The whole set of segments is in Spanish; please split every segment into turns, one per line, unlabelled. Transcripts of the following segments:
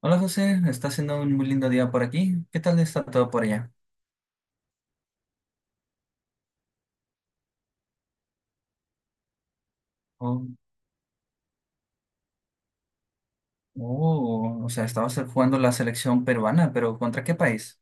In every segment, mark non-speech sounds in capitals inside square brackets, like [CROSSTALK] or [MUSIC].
Hola José, está haciendo un muy lindo día por aquí. ¿Qué tal está todo por allá? Oh, oh, o sea, estabas jugando la selección peruana, pero ¿contra qué país?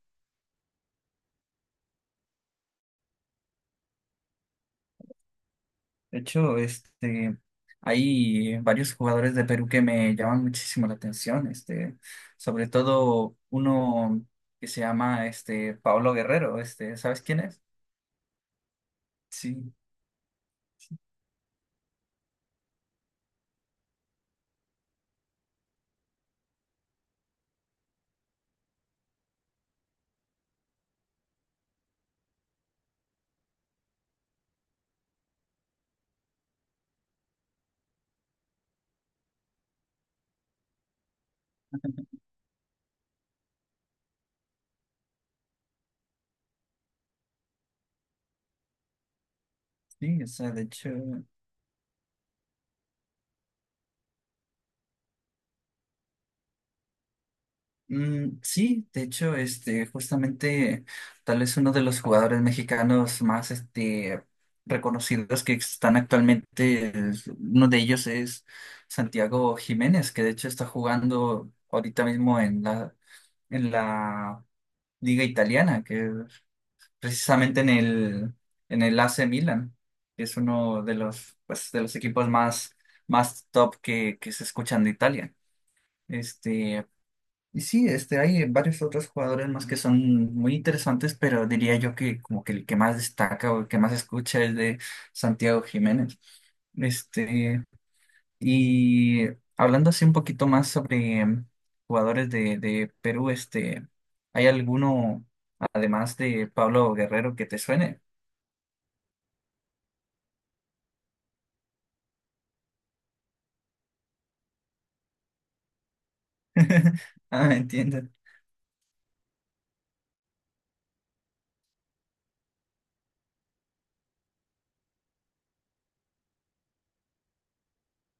De hecho, hay varios jugadores de Perú que me llaman muchísimo la atención, sobre todo uno que se llama Pablo Guerrero, este, ¿sabes quién es? Sí, sí, o sea, de hecho. Mm, sí, de hecho, justamente tal vez uno de los jugadores mexicanos más reconocidos que están actualmente, uno de ellos es Santiago Jiménez, que de hecho está jugando ahorita mismo en la Liga Italiana, que precisamente en el AC Milan, que es uno de los, pues, de los equipos más, más top que se escuchan de Italia. Este, y sí, este, hay varios otros jugadores más que son muy interesantes, pero diría yo que como que el que más destaca o el que más escucha es de Santiago Jiménez. Este, y hablando así un poquito más sobre jugadores de Perú, este, ¿hay alguno, además de Pablo Guerrero, que te suene? [LAUGHS] Ah, entiendo.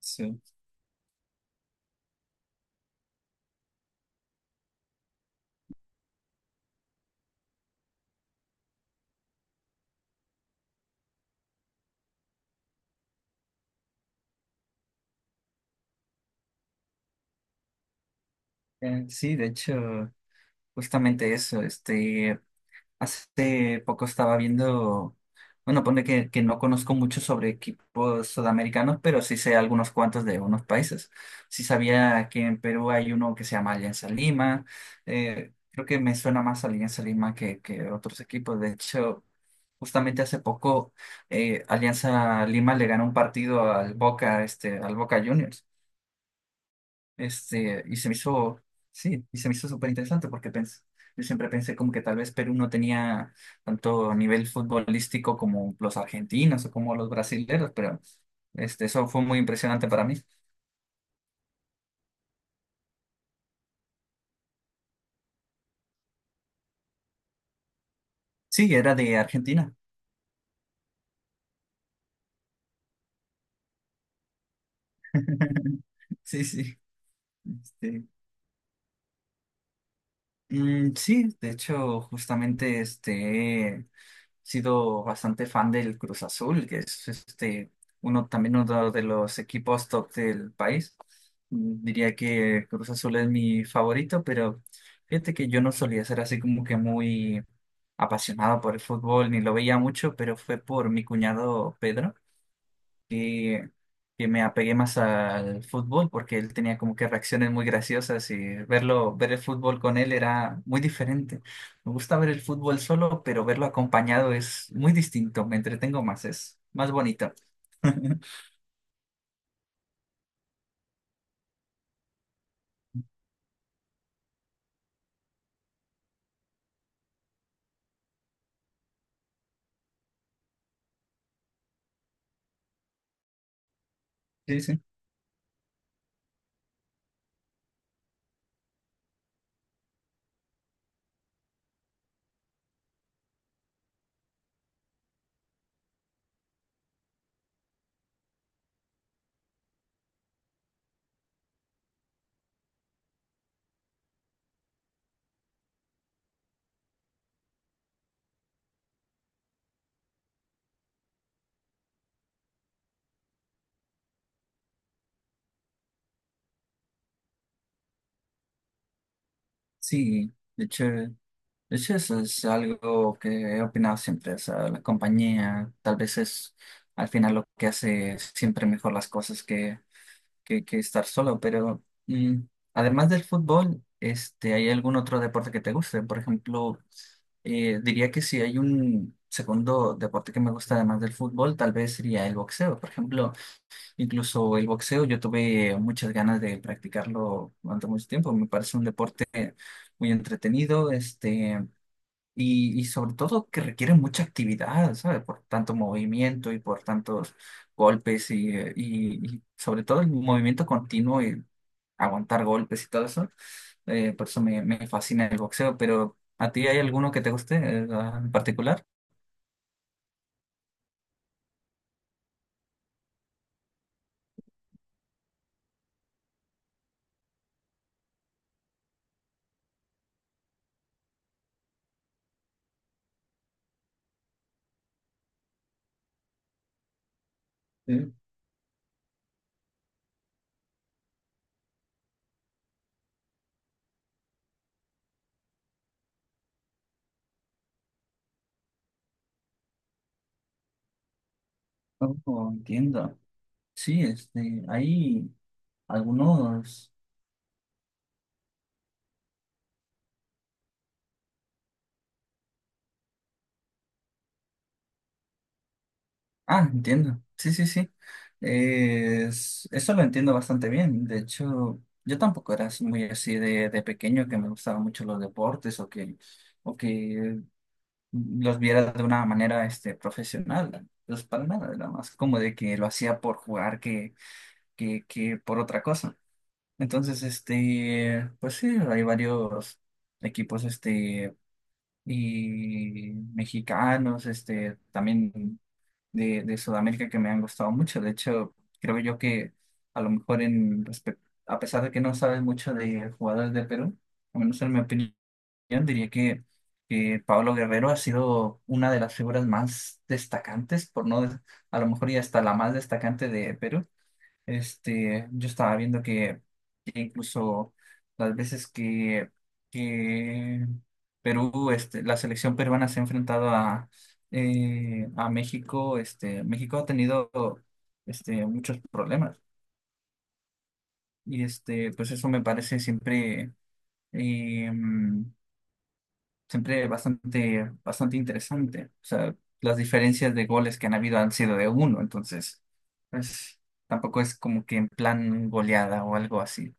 Sí, sí, de hecho, justamente eso, este. Hace poco estaba viendo, bueno, pone que no conozco mucho sobre equipos sudamericanos, pero sí sé algunos cuantos de unos países. Sí sabía que en Perú hay uno que se llama Alianza Lima. Eh, creo que me suena más Alianza Lima que otros equipos. De hecho, justamente hace poco Alianza Lima le ganó un partido al Boca, este, al Boca Juniors. Y se me hizo, sí, y se me hizo súper interesante porque pensé, yo siempre pensé como que tal vez Perú no tenía tanto nivel futbolístico como los argentinos o como los brasileños, pero este, eso fue muy impresionante para mí. Sí, era de Argentina. [LAUGHS] Sí, sí. Este, mm, sí, de hecho, justamente sido bastante fan del Cruz Azul, que es uno también uno de los equipos top del país. Mm, diría que Cruz Azul es mi favorito, pero fíjate que yo no solía ser así como que muy apasionado por el fútbol, ni lo veía mucho, pero fue por mi cuñado Pedro que, que me apegué más al fútbol porque él tenía como que reacciones muy graciosas y verlo, ver el fútbol con él era muy diferente. Me gusta ver el fútbol solo, pero verlo acompañado es muy distinto, me entretengo más, es más bonito. [LAUGHS] Sí, sí. Sí, de hecho eso es algo que he opinado siempre, o sea, la compañía tal vez es al final lo que hace siempre mejor las cosas que estar solo, pero además del fútbol, este, ¿hay algún otro deporte que te guste? Por ejemplo, diría que si hay un segundo deporte que me gusta además del fútbol, tal vez sería el boxeo. Por ejemplo, incluso el boxeo yo tuve muchas ganas de practicarlo durante mucho tiempo. Me parece un deporte muy entretenido, y sobre todo que requiere mucha actividad, ¿sabes? Por tanto movimiento y por tantos golpes y sobre todo el movimiento continuo y aguantar golpes y todo eso. Por eso me, me fascina el boxeo, pero ¿a ti hay alguno que te guste en particular? Sí. Oh, entiendo. Sí, este, hay algunos. Ah, entiendo. Sí, sí, sí. Eso lo entiendo bastante bien. De hecho, yo tampoco era así muy así de pequeño que me gustaban mucho los deportes o que los viera de una manera profesional. Pues para nada, era más como de que lo hacía por jugar que por otra cosa. Entonces, este, pues sí, hay varios equipos y mexicanos, este, también de Sudamérica que me han gustado mucho. De hecho, creo yo que a lo mejor en respecto, a pesar de que no sabes mucho de jugadores de Perú, al menos en mi opinión, diría que, que Pablo Guerrero ha sido una de las figuras más destacantes, por no, de- a lo mejor y hasta la más destacante de Perú. Este, yo estaba que incluso las veces que Perú, este, la selección peruana se ha enfrentado a México, este, México ha tenido este, muchos problemas. Y este, pues eso me parece siempre, eh, siempre bastante, bastante interesante. O sea, las diferencias de goles que han habido han sido de uno, entonces, pues tampoco es como que en plan goleada o algo así.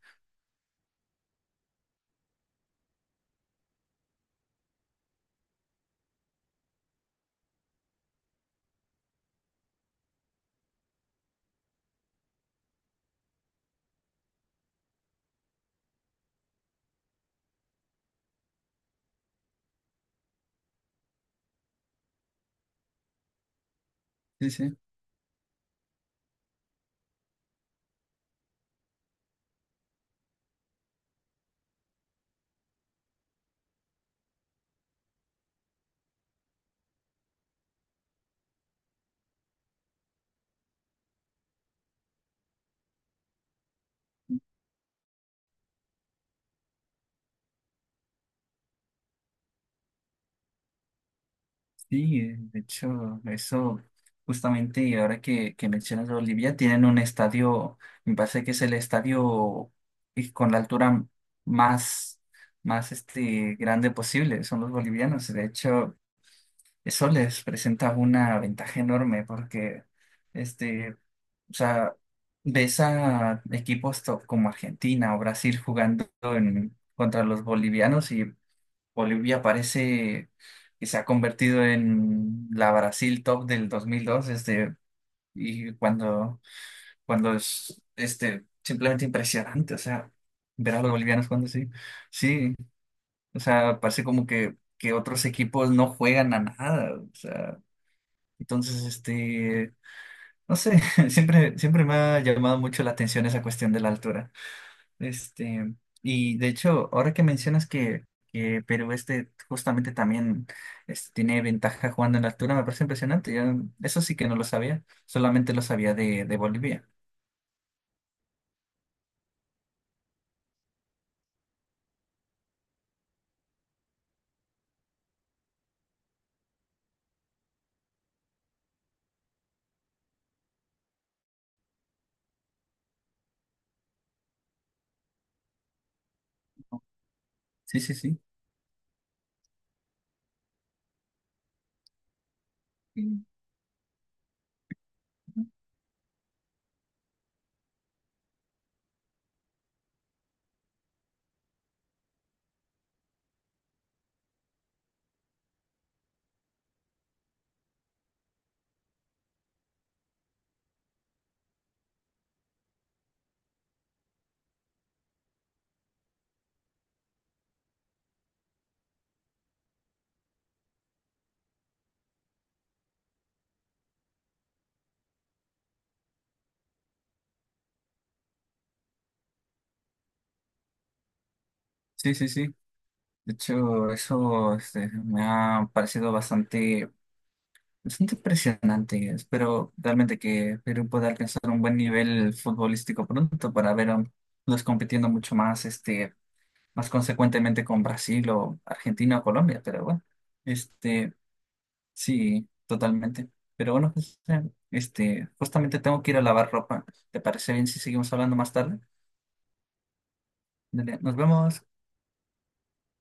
Sí, sí, sí, de hecho, eso justamente, y ahora que mencionas a Bolivia, tienen un estadio, me parece que es el estadio y con la altura más, más este, grande posible, son los bolivianos. De hecho, eso les presenta una ventaja enorme porque, este, o sea, ves a equipos top como Argentina o Brasil jugando en, contra los bolivianos Bolivia parece que se ha convertido en la Brasil top del 2002 este, y cuando, cuando es este, simplemente impresionante, o sea, ver a los bolivianos cuando sí, sí, o sea, parece como que otros equipos no juegan a nada, o sea, entonces, este, no sé, [LAUGHS] siempre, siempre me ha llamado mucho la atención esa cuestión de la altura. Este, y de hecho, ahora que mencionas que Perú este justamente también este, tiene ventaja jugando en la altura, me parece impresionante. Yo, eso sí que no lo sabía, solamente lo sabía de Bolivia. Sí, sí, sí. Mm. Sí, sí, sí. De hecho, eso este, me ha parecido bastante. Bastante impresionante, espero realmente que Perú pueda alcanzar un buen nivel futbolístico pronto para verlos compitiendo mucho más, este, más consecuentemente con Brasil o Argentina o Colombia, pero bueno, este, sí, totalmente. Pero bueno, José, este, justamente tengo que ir a lavar ropa. ¿Te parece bien si seguimos hablando más tarde? Dale, nos vemos.